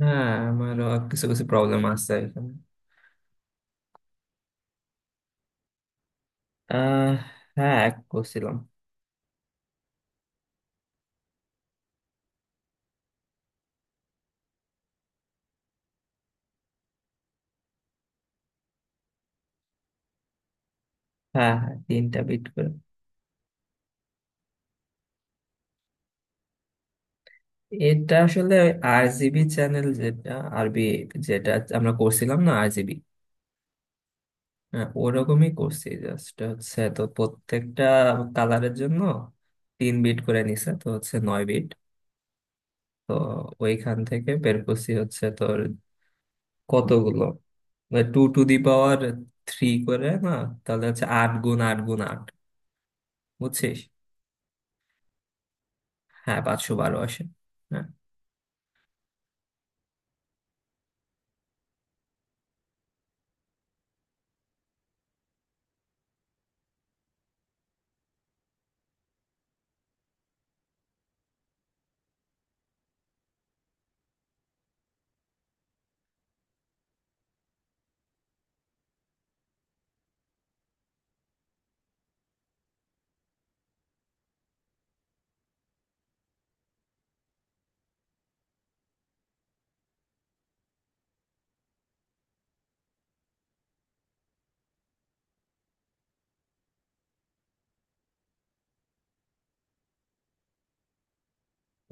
হ্যাঁ, আমারও কিছু কিছু প্রবলেম আছে এখানে। আহ হ্যাঁ, এক করছিলাম। হ্যাঁ হ্যাঁ, তিনটা বিট করে। এটা আসলে আরজিবি চ্যানেল, যেটা আরবি, যেটা আমরা করছিলাম না, আরজিবি। হ্যাঁ, ওরকমই করছি। জাস্ট হচ্ছে তো প্রত্যেকটা কালারের জন্য তিন বিট করে নিছে, তো হচ্ছে 9 বিট। তো ওইখান থেকে বের করছি হচ্ছে তোর কতগুলো, two to the power three করে না? তাহলে হচ্ছে আট গুণ আট গুণ আট। বুঝছিস? হ্যাঁ, 512 আসে। হ্যাঁ।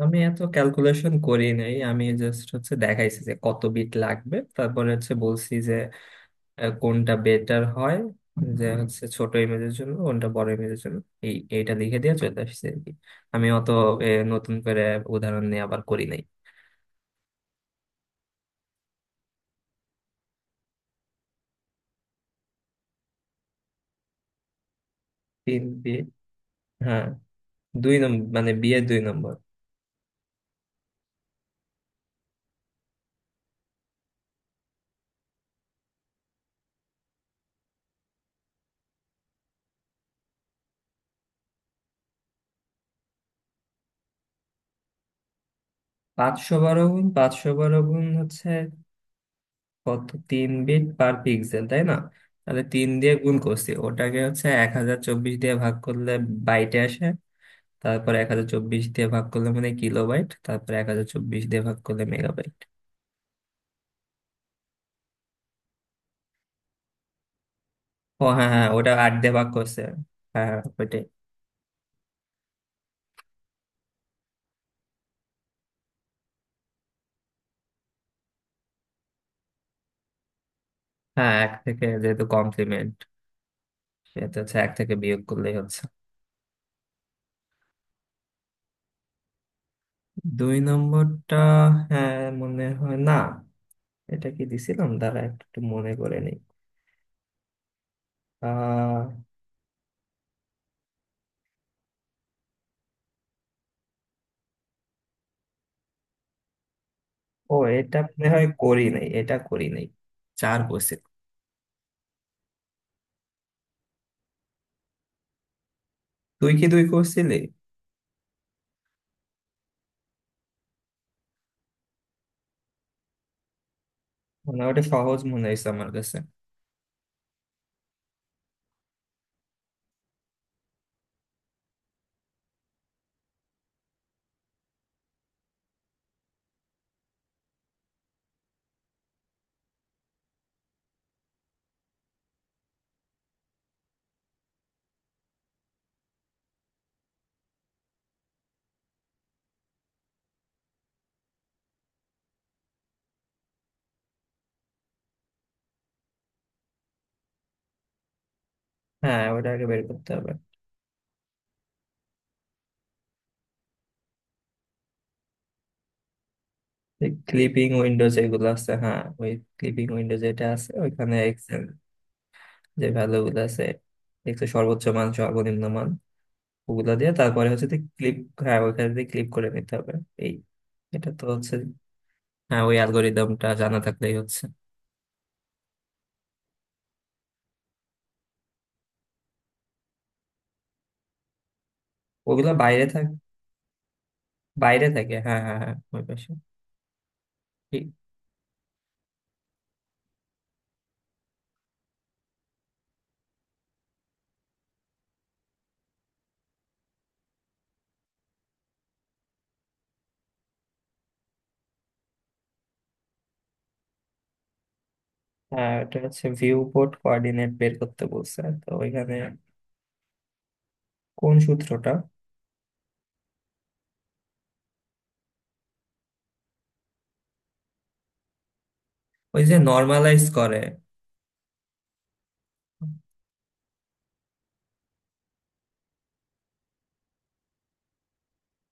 আমি এত ক্যালকুলেশন করি নাই, আমি জাস্ট হচ্ছে দেখাইছি যে কত বিট লাগবে, তারপরে হচ্ছে বলছি যে কোনটা বেটার হয়, যে হচ্ছে ছোট ইমেজের জন্য কোনটা, বড় ইমেজের জন্য। এইটা লিখে দিয়ে চলে আসছে আর কি। আমি অত নতুন করে উদাহরণ নিয়ে আবার করি নাই। তিন বিট। হ্যাঁ। দুই নম্বর মানে বিয়ের দুই নম্বর। 512 গুণ 512 গুণ হচ্ছে কত, তিন বিট পার পিক্সেল, তাই না? তাহলে তিন দিয়ে গুণ করছি ওটাকে, হচ্ছে 1024 দিয়ে ভাগ করলে বাইটে আসে। তারপর 1024 দিয়ে ভাগ করলে মানে কিলোবাইট, তারপর 1024 দিয়ে ভাগ করলে মেগাবাইট। ও হ্যাঁ হ্যাঁ, ওটা আট দিয়ে ভাগ করছে। হ্যাঁ হ্যাঁ, ওইটাই। হ্যাঁ, এক থেকে যেহেতু কমপ্লিমেন্ট, সেহেতু হচ্ছে এক থেকে বিয়োগ করলেই হচ্ছে। দুই নম্বরটা, হ্যাঁ, মনে হয় না। এটা কি দিছিলাম, দাঁড়া একটু মনে করে নিই। আহ ও, এটা মনে হয় করি নাই, এটা করি নাই। চার কোর্সিল। তুই কি দুই কোর্সিলি? মানে ওটা সহজ মনে হয়েছে আমার কাছে। হ্যাঁ, ওটা আগে বের করতে হবে। এই ক্লিপিং উইন্ডোজ যেগুলো আছে, হ্যাঁ ওই ক্লিপিং উইন্ডো যেটা আছে ওইখানে এক্সেল, যে ভ্যালু গুলো আছে, দেখছো সর্বোচ্চ মান সর্বনিম্ন মান, ওগুলো দিয়ে তারপরে হচ্ছে ক্লিপ। হ্যাঁ, ওইখান দিয়ে ক্লিপ করে নিতে হবে। এই, এটা তো হচ্ছে, হ্যাঁ ওই অ্যালগোরিদমটা জানা থাকলেই হচ্ছে। ওগুলো বাইরে থাক, বাইরে থাকে হ্যাঁ হ্যাঁ হ্যাঁ ওই পাশে। হ্যাঁ, এটা হচ্ছে ভিউ পোর্ট কোঅর্ডিনেট বের করতে বলছে, তো ওইখানে কোন সূত্রটা? ওই যে নর্মালাইজ করে।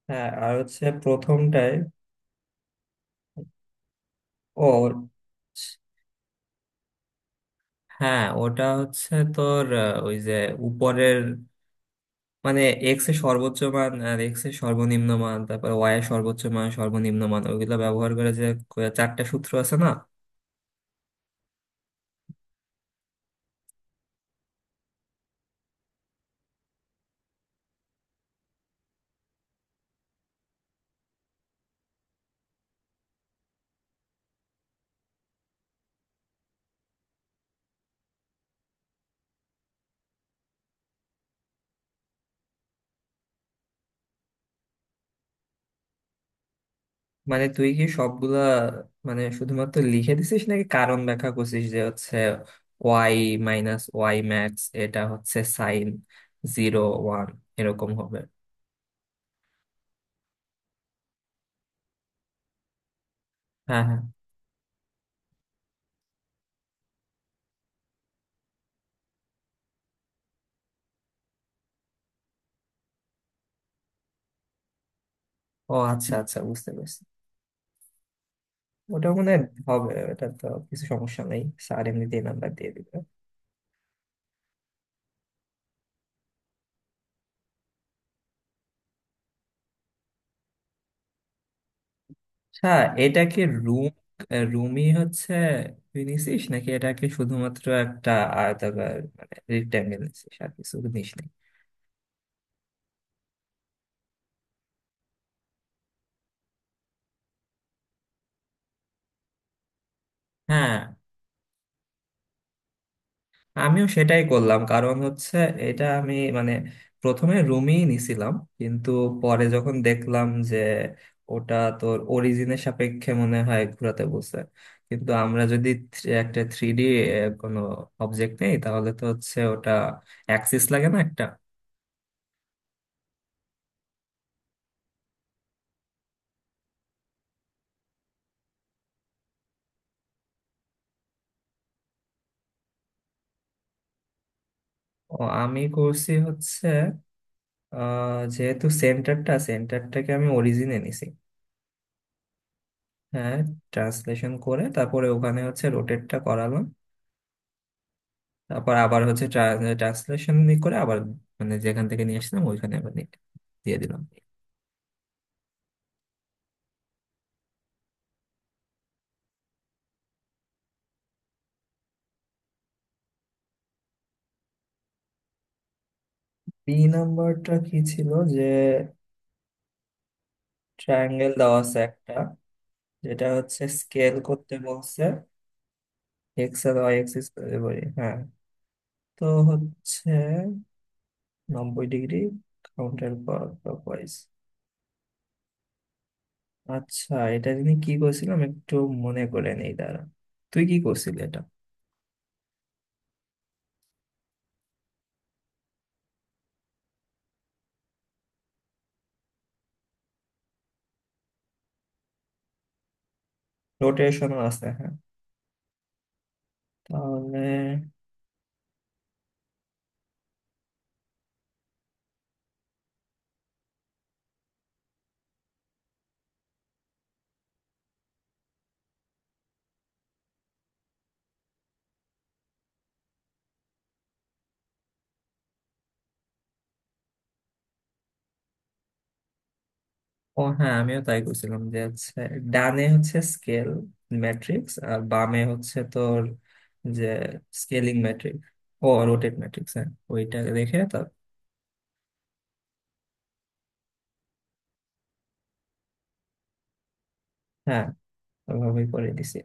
হ্যাঁ, আর হচ্ছে প্রথমটায়। ও হ্যাঁ, ওটা হচ্ছে তোর ওই যে উপরের, মানে এক্স এর সর্বোচ্চ মান আর এক্স এর সর্বনিম্ন মান, তারপর ওয়াই এর সর্বোচ্চ মান সর্বনিম্ন মান, ওইগুলো ব্যবহার করে যে চারটা সূত্র আছে না। মানে তুই কি সবগুলা, মানে শুধুমাত্র লিখে দিছিস নাকি কারণ ব্যাখ্যা করছিস যে হচ্ছে ওয়াই মাইনাস ওয়াই ম্যাক্স, এটা হচ্ছে সাইন জিরো ওয়ান, এরকম হবে। হ্যাঁ হ্যাঁ। ও আচ্ছা আচ্ছা, বুঝতে পারছি। ওটা মনে হয় হবে, এটা তো কিছু সমস্যা নেই, স্যার এমনিতেই নাম্বার দিয়ে দিবে। হ্যাঁ, এটা কি রুম? রুমই হচ্ছে। তুই নিছিস নাকি এটা কি, শুধুমাত্র একটা আয়তাকার মানে রেক্ট্যাঙ্গেল নিছিস আর কিছু নিস নাই? হ্যাঁ, আমিও সেটাই করলাম। কারণ হচ্ছে এটা আমি মানে প্রথমে রুমই নিছিলাম, কিন্তু পরে যখন দেখলাম যে ওটা তোর অরিজিনের সাপেক্ষে মনে হয় ঘুরাতে বলছে, কিন্তু আমরা যদি একটা থ্রি ডি কোনো অবজেক্ট নেই, তাহলে তো হচ্ছে ওটা অ্যাক্সিস লাগে না একটা। ও আমি করছি হচ্ছে যেহেতু সেন্টারটাকে আমি অরিজিনে নিছি। হ্যাঁ, ট্রান্সলেশন করে তারপরে ওখানে হচ্ছে রোটেটটা করালাম। তারপর আবার হচ্ছে ট্রান্সলেশন করে আবার, মানে যেখান থেকে নিয়ে আসলাম ওইখানে আবার নিয়ে দিয়ে দিলাম। তিন নাম্বারটা কি ছিল যে? ট্রায়াঙ্গেল দেওয়া আছে একটা। যেটা হচ্ছে স্কেল করতে বলছে এক্স আর ওয়াই এক্সিস, বলি হ্যাঁ। তো হচ্ছে 90 ডিগ্রি কাউন্টার ক্লকওয়াইজ। আচ্ছা এটা তিনি কি করছিলাম একটু মনে করে নেই দাঁড়া। তুই কি করছিলি এটা? রোটেশনও আছে, হ্যাঁ। তাহলে ও হ্যাঁ, আমিও তাই করছিলাম, যে হচ্ছে ডানে হচ্ছে স্কেল ম্যাট্রিক্স আর বামে হচ্ছে তোর যে স্কেলিং ম্যাট্রিক্স ও রোটেট ম্যাট্রিক্স। হ্যাঁ, ওইটা দেখে তার। হ্যাঁ, ওইভাবেই করে দিছি।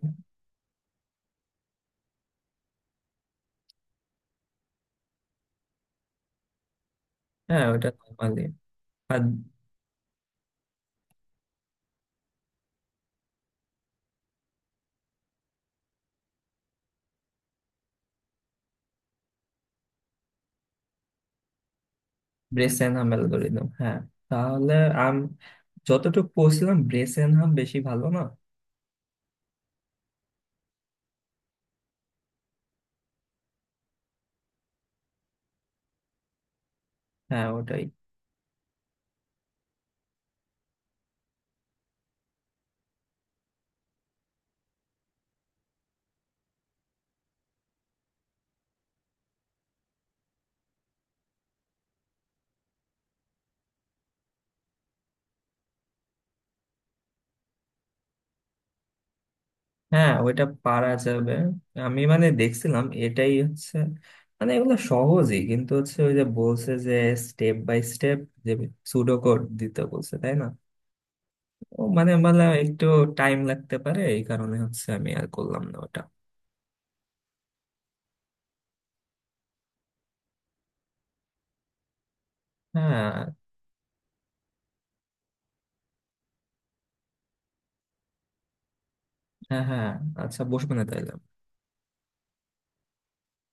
হ্যাঁ, ওইটা নর্মালি। আর ব্রেস এনহাম অ্যালগোরিদম, হ্যাঁ তাহলে আম যতটুকু পড়ছিলাম ব্রেস এনহাম বেশি ভালো না। হ্যাঁ, ওটাই। হ্যাঁ, ওইটা পারা যাবে। আমি মানে দেখছিলাম এটাই হচ্ছে, মানে এগুলো সহজই কিন্তু হচ্ছে ওই যে বলছে যে স্টেপ বাই স্টেপ, যে সুডো কোড দিতে বলছে তাই না। ও মানে মানে একটু টাইম লাগতে পারে, এই কারণে হচ্ছে আমি আর করলাম না ওটা। হ্যাঁ হ্যাঁ হ্যাঁ। আচ্ছা বসবে না তাই।